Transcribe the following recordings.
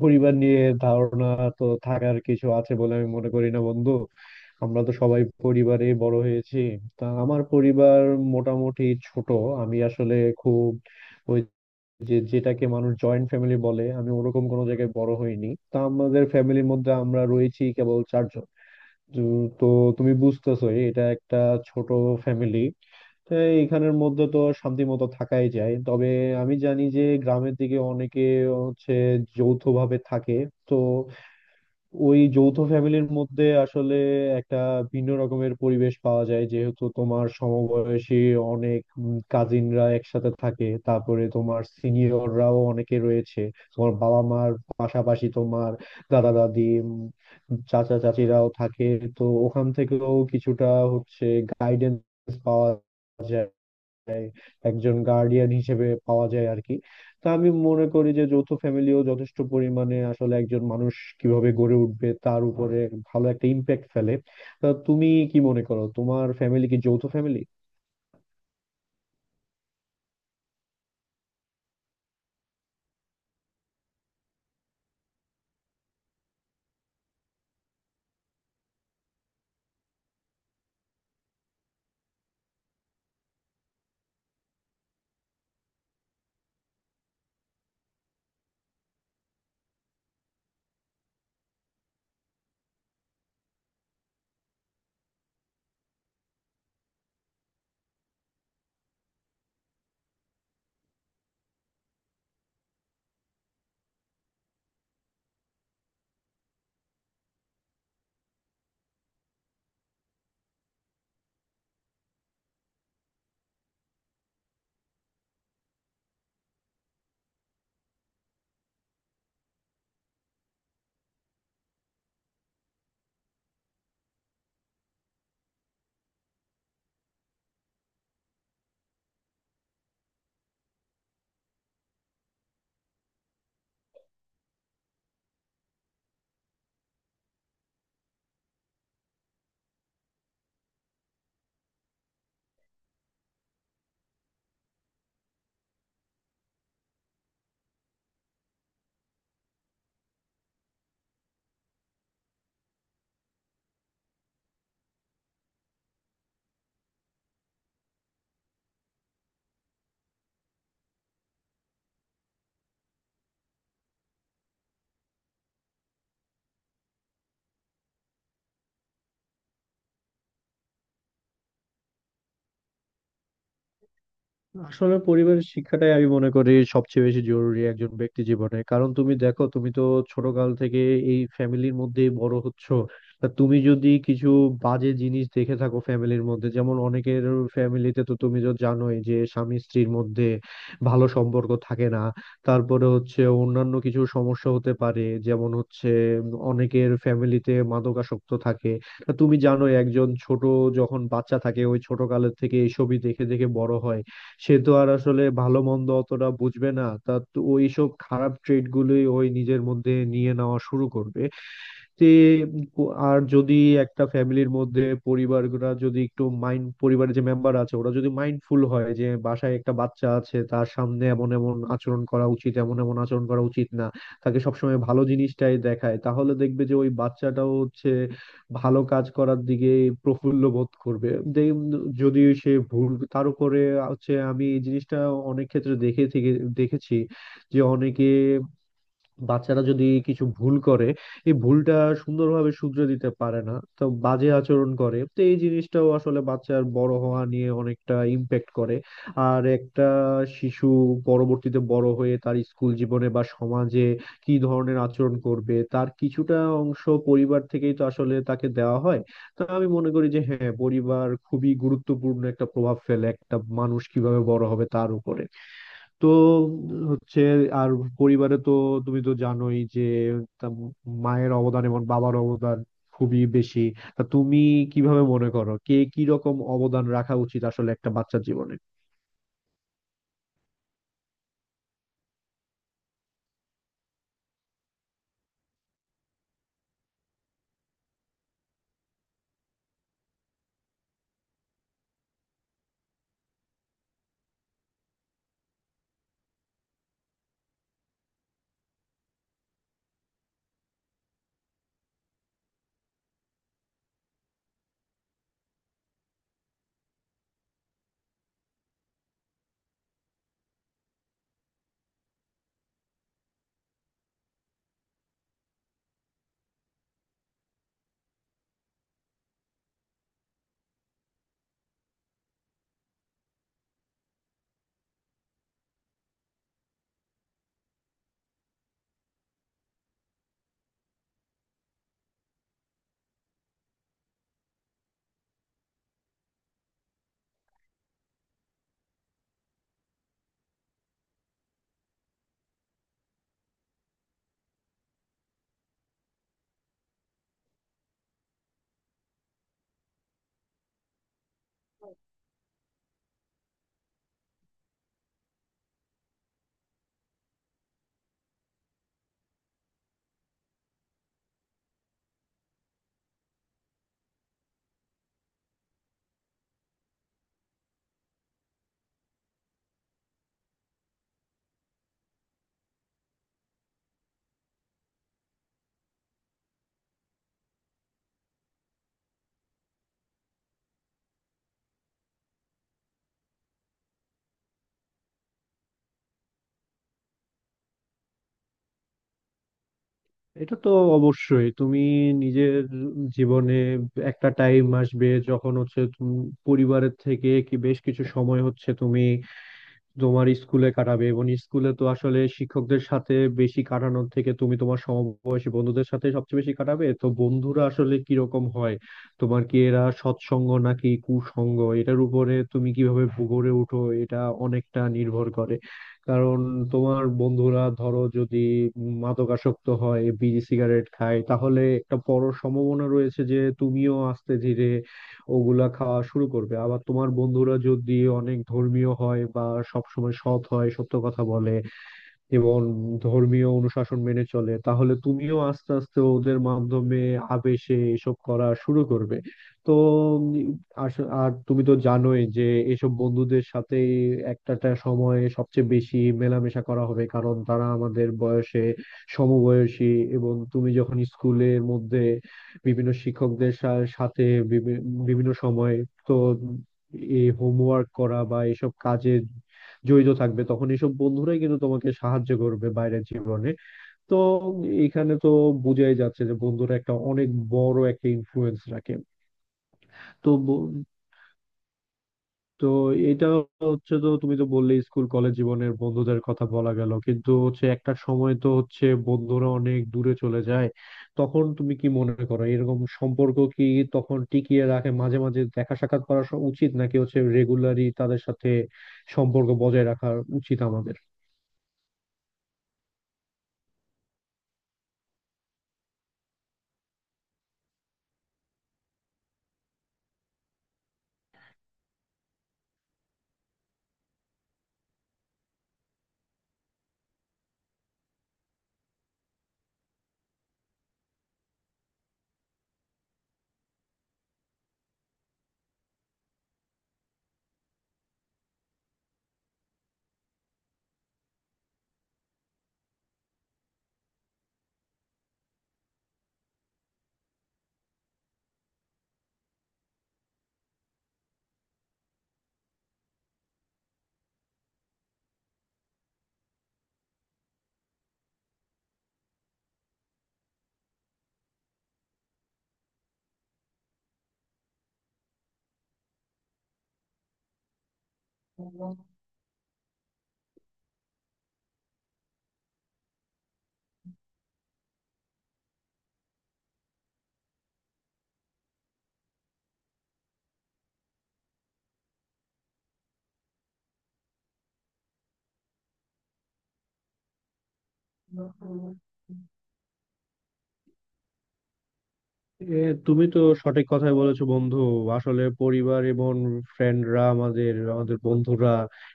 পরিবার নিয়ে ধারণা তো থাকার কিছু আছে বলে আমি মনে করি না বন্ধু। আমরা তো সবাই পরিবারে বড় হয়েছি। তা আমার পরিবার মোটামুটি ছোট। আমি আসলে খুব ওই যে যেটাকে মানুষ জয়েন্ট ফ্যামিলি বলে আমি ওরকম কোনো জায়গায় বড় হইনি। তা আমাদের ফ্যামিলির মধ্যে আমরা রয়েছি কেবল চারজন। তো তো তুমি বুঝতেছোই এটা একটা ছোট ফ্যামিলি। তো এইখানের মধ্যে তো শান্তি মতো থাকাই যায়। তবে আমি জানি যে গ্রামের দিকে অনেকে হচ্ছে যৌথভাবে থাকে। তো ওই যৌথ ফ্যামিলির মধ্যে আসলে একটা ভিন্ন রকমের পরিবেশ পাওয়া যায়, যেহেতু তোমার সমবয়সী অনেক কাজিনরা একসাথে থাকে, তারপরে তোমার সিনিয়ররাও অনেকে রয়েছে, তোমার বাবা মার পাশাপাশি তোমার দাদা দাদি, চাচা চাচিরাও থাকে। তো ওখান থেকেও কিছুটা হচ্ছে গাইডেন্স পাওয়া যায়, একজন গার্ডিয়ান হিসেবে পাওয়া যায় আর কি। তো আমি মনে করি যে যৌথ ফ্যামিলিও যথেষ্ট পরিমাণে আসলে একজন মানুষ কিভাবে গড়ে উঠবে তার উপরে ভালো একটা ইম্প্যাক্ট ফেলে। তা তুমি কি মনে করো, তোমার ফ্যামিলি কি যৌথ ফ্যামিলি? আসলে পরিবারের শিক্ষাটাই আমি মনে করি সবচেয়ে বেশি জরুরি একজন ব্যক্তি জীবনে। কারণ তুমি দেখো, তুমি তো ছোটকাল থেকে এই ফ্যামিলির মধ্যে বড় হচ্ছ। তা তুমি যদি কিছু বাজে জিনিস দেখে থাকো ফ্যামিলির মধ্যে, যেমন অনেকের ফ্যামিলিতে তো তুমি তো জানোই যে স্বামী স্ত্রীর মধ্যে ভালো সম্পর্ক থাকে না, তারপরে হচ্ছে অন্যান্য কিছু সমস্যা হতে পারে, যেমন হচ্ছে অনেকের ফ্যামিলিতে মাদকাসক্ত থাকে। তা তুমি জানোই, একজন ছোট যখন বাচ্চা থাকে, ওই ছোট কালের থেকে এইসবই দেখে দেখে বড় হয়। সে তো আর আসলে ভালো মন্দ অতটা বুঝবে না, তা তো ওইসব খারাপ ট্রেড গুলোই ওই নিজের মধ্যে নিয়ে নেওয়া শুরু করবে। তে আর যদি একটা ফ্যামিলির মধ্যে পরিবাররা যদি একটু মাইন্ড, পরিবারের যে মেম্বার আছে, ওরা যদি মাইন্ডফুল হয় যে বাসায় একটা বাচ্চা আছে, তার সামনে এমন এমন আচরণ করা উচিত, এমন এমন আচরণ করা উচিত না, তাকে সবসময় ভালো জিনিসটাই দেখায়, তাহলে দেখবে যে ওই বাচ্চাটাও হচ্ছে ভালো কাজ করার দিকে প্রফুল্ল বোধ করবে। দে- যদি সে ভুল তার উপরে হচ্ছে, আমি এই জিনিসটা অনেক ক্ষেত্রে দেখেছি যে অনেকে বাচ্চারা যদি কিছু ভুল করে, এই ভুলটা সুন্দরভাবে শুধরে দিতে পারে না, তো বাজে আচরণ করে, তো এই জিনিসটাও আসলে বাচ্চার বড় হওয়া নিয়ে অনেকটা ইম্প্যাক্ট করে। আর একটা শিশু পরবর্তীতে বড় হয়ে তার স্কুল জীবনে বা সমাজে কি ধরনের আচরণ করবে, তার কিছুটা অংশ পরিবার থেকেই তো আসলে তাকে দেওয়া হয়। তা আমি মনে করি যে হ্যাঁ, পরিবার খুবই গুরুত্বপূর্ণ একটা প্রভাব ফেলে একটা মানুষ কিভাবে বড় হবে তার উপরে। তো হচ্ছে আর পরিবারে তো তুমি তো জানোই যে তা মায়ের অবদান এবং বাবার অবদান খুবই বেশি। তা তুমি কিভাবে মনে করো কে কি রকম অবদান রাখা উচিত আসলে একটা বাচ্চার জীবনে? এটা তো অবশ্যই, তুমি নিজের জীবনে একটা টাইম আসবে যখন হচ্ছে তুমি পরিবারের থেকে কি বেশ কিছু সময় হচ্ছে তুমি তোমার স্কুলে কাটাবে, এবং স্কুলে তো আসলে শিক্ষকদের সাথে বেশি কাটানোর থেকে তুমি তোমার সমবয়সী বন্ধুদের সাথে সবচেয়ে বেশি কাটাবে। তো বন্ধুরা আসলে কিরকম হয় তোমার, কি এরা সৎসঙ্গ নাকি কুসঙ্গ, এটার উপরে তুমি কিভাবে গড়ে ওঠো এটা অনেকটা নির্ভর করে। কারণ তোমার বন্ধুরা ধরো যদি মাদকাসক্ত হয়, বিড়ি সিগারেট খায়, তাহলে একটা বড় সম্ভাবনা রয়েছে যে তুমিও আস্তে ধীরে ওগুলা খাওয়া শুরু করবে। আবার তোমার বন্ধুরা যদি অনেক ধর্মীয় হয় বা সবসময় সৎ হয়, সত্য কথা বলে এবং ধর্মীয় অনুশাসন মেনে চলে, তাহলে তুমিও আস্তে আস্তে ওদের মাধ্যমে আবেশে এসব করা শুরু করবে। তো উম, আর তুমি তো জানোই যে এসব বন্ধুদের সাথে একটাটা সময়ে সবচেয়ে বেশি মেলামেশা করা হবে, কারণ তারা আমাদের বয়সে সমবয়সী। এবং তুমি যখন স্কুলের মধ্যে বিভিন্ন শিক্ষকদের সাথে বিভি- বিভিন্ন সময় তো এই হোমওয়ার্ক করা বা এসব কাজে জড়িত থাকবে, তখন এসব বন্ধুরাই কিন্তু তোমাকে সাহায্য করবে বাইরের জীবনে। তো এখানে তো বোঝাই যাচ্ছে যে বন্ধুরা একটা অনেক বড় একটা ইনফ্লুয়েন্স রাখে। তো ব- তো এটা হচ্ছে, তো তুমি তো বললে স্কুল কলেজ জীবনের বন্ধুদের কথা বলা গেল, কিন্তু হচ্ছে একটা সময় তো হচ্ছে বন্ধুরা অনেক দূরে চলে যায়। তখন তুমি কি মনে করো এরকম সম্পর্ক কি তখন টিকিয়ে রাখে মাঝে মাঝে দেখা সাক্ষাৎ করা উচিত, নাকি হচ্ছে রেগুলারই তাদের সাথে সম্পর্ক বজায় রাখা উচিত আমাদের? এ, তুমি তো সঠিক কথাই বলেছো বন্ধু। আসলে পরিবার এবং ফ্রেন্ডরা আমাদের, বন্ধুরা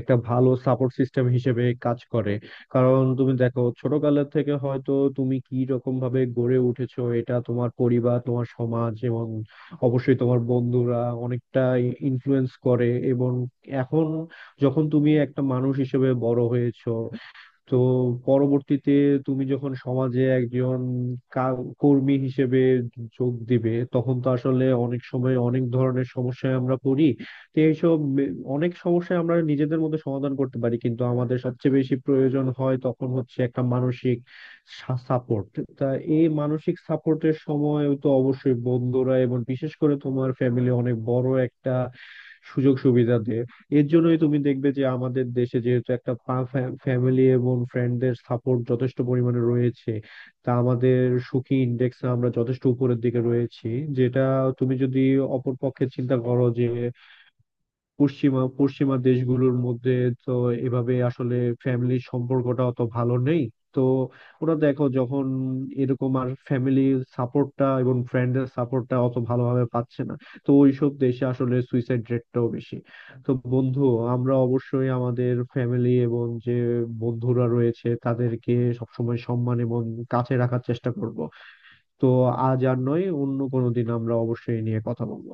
একটা ভালো সাপোর্ট সিস্টেম হিসেবে কাজ করে। কারণ তুমি দেখো, ছোটকালের থেকে হয়তো তুমি কি রকম ভাবে গড়ে উঠেছো, এটা তোমার পরিবার, তোমার সমাজ এবং অবশ্যই তোমার বন্ধুরা অনেকটা ইনফ্লুয়েন্স করে। এবং এখন যখন তুমি একটা মানুষ হিসেবে বড় হয়েছো, তো পরবর্তীতে তুমি যখন সমাজে একজন কর্মী হিসেবে যোগ দিবে, তখন তো আসলে অনেক সময় অনেক ধরনের সমস্যায় আমরা পড়ি। তো এইসব অনেক সমস্যায় আমরা নিজেদের মধ্যে সমাধান করতে পারি, কিন্তু আমাদের সবচেয়ে বেশি প্রয়োজন হয় তখন হচ্ছে একটা মানসিক সাপোর্ট। তা এই মানসিক সাপোর্টের সময় তো অবশ্যই বন্ধুরা এবং বিশেষ করে তোমার ফ্যামিলি অনেক বড় একটা সুযোগ সুবিধা দেয়। এর জন্যই তুমি দেখবে যে আমাদের দেশে যেহেতু একটা ফ্যামিলি এবং ফ্রেন্ডদের সাপোর্ট যথেষ্ট পরিমাণে রয়েছে, তা আমাদের সুখী ইন্ডেক্স আমরা যথেষ্ট উপরের দিকে রয়েছি। যেটা তুমি যদি অপর পক্ষে চিন্তা করো যে পশ্চিমা পশ্চিমা দেশগুলোর মধ্যে তো এভাবে আসলে ফ্যামিলির সম্পর্কটা অত ভালো নেই। তো ওরা দেখো যখন এরকম আর ফ্যামিলির সাপোর্টটা এবং ফ্রেন্ডের সাপোর্টটা অত ভালোভাবে পাচ্ছে না, তো ওইসব দেশে আসলে সুইসাইড রেটটাও বেশি। তো বন্ধু, আমরা অবশ্যই আমাদের ফ্যামিলি এবং যে বন্ধুরা রয়েছে তাদেরকে সবসময় সম্মান এবং কাছে রাখার চেষ্টা করব। তো আজ আর নয়, অন্য কোনো দিন আমরা অবশ্যই এই নিয়ে কথা বলবো।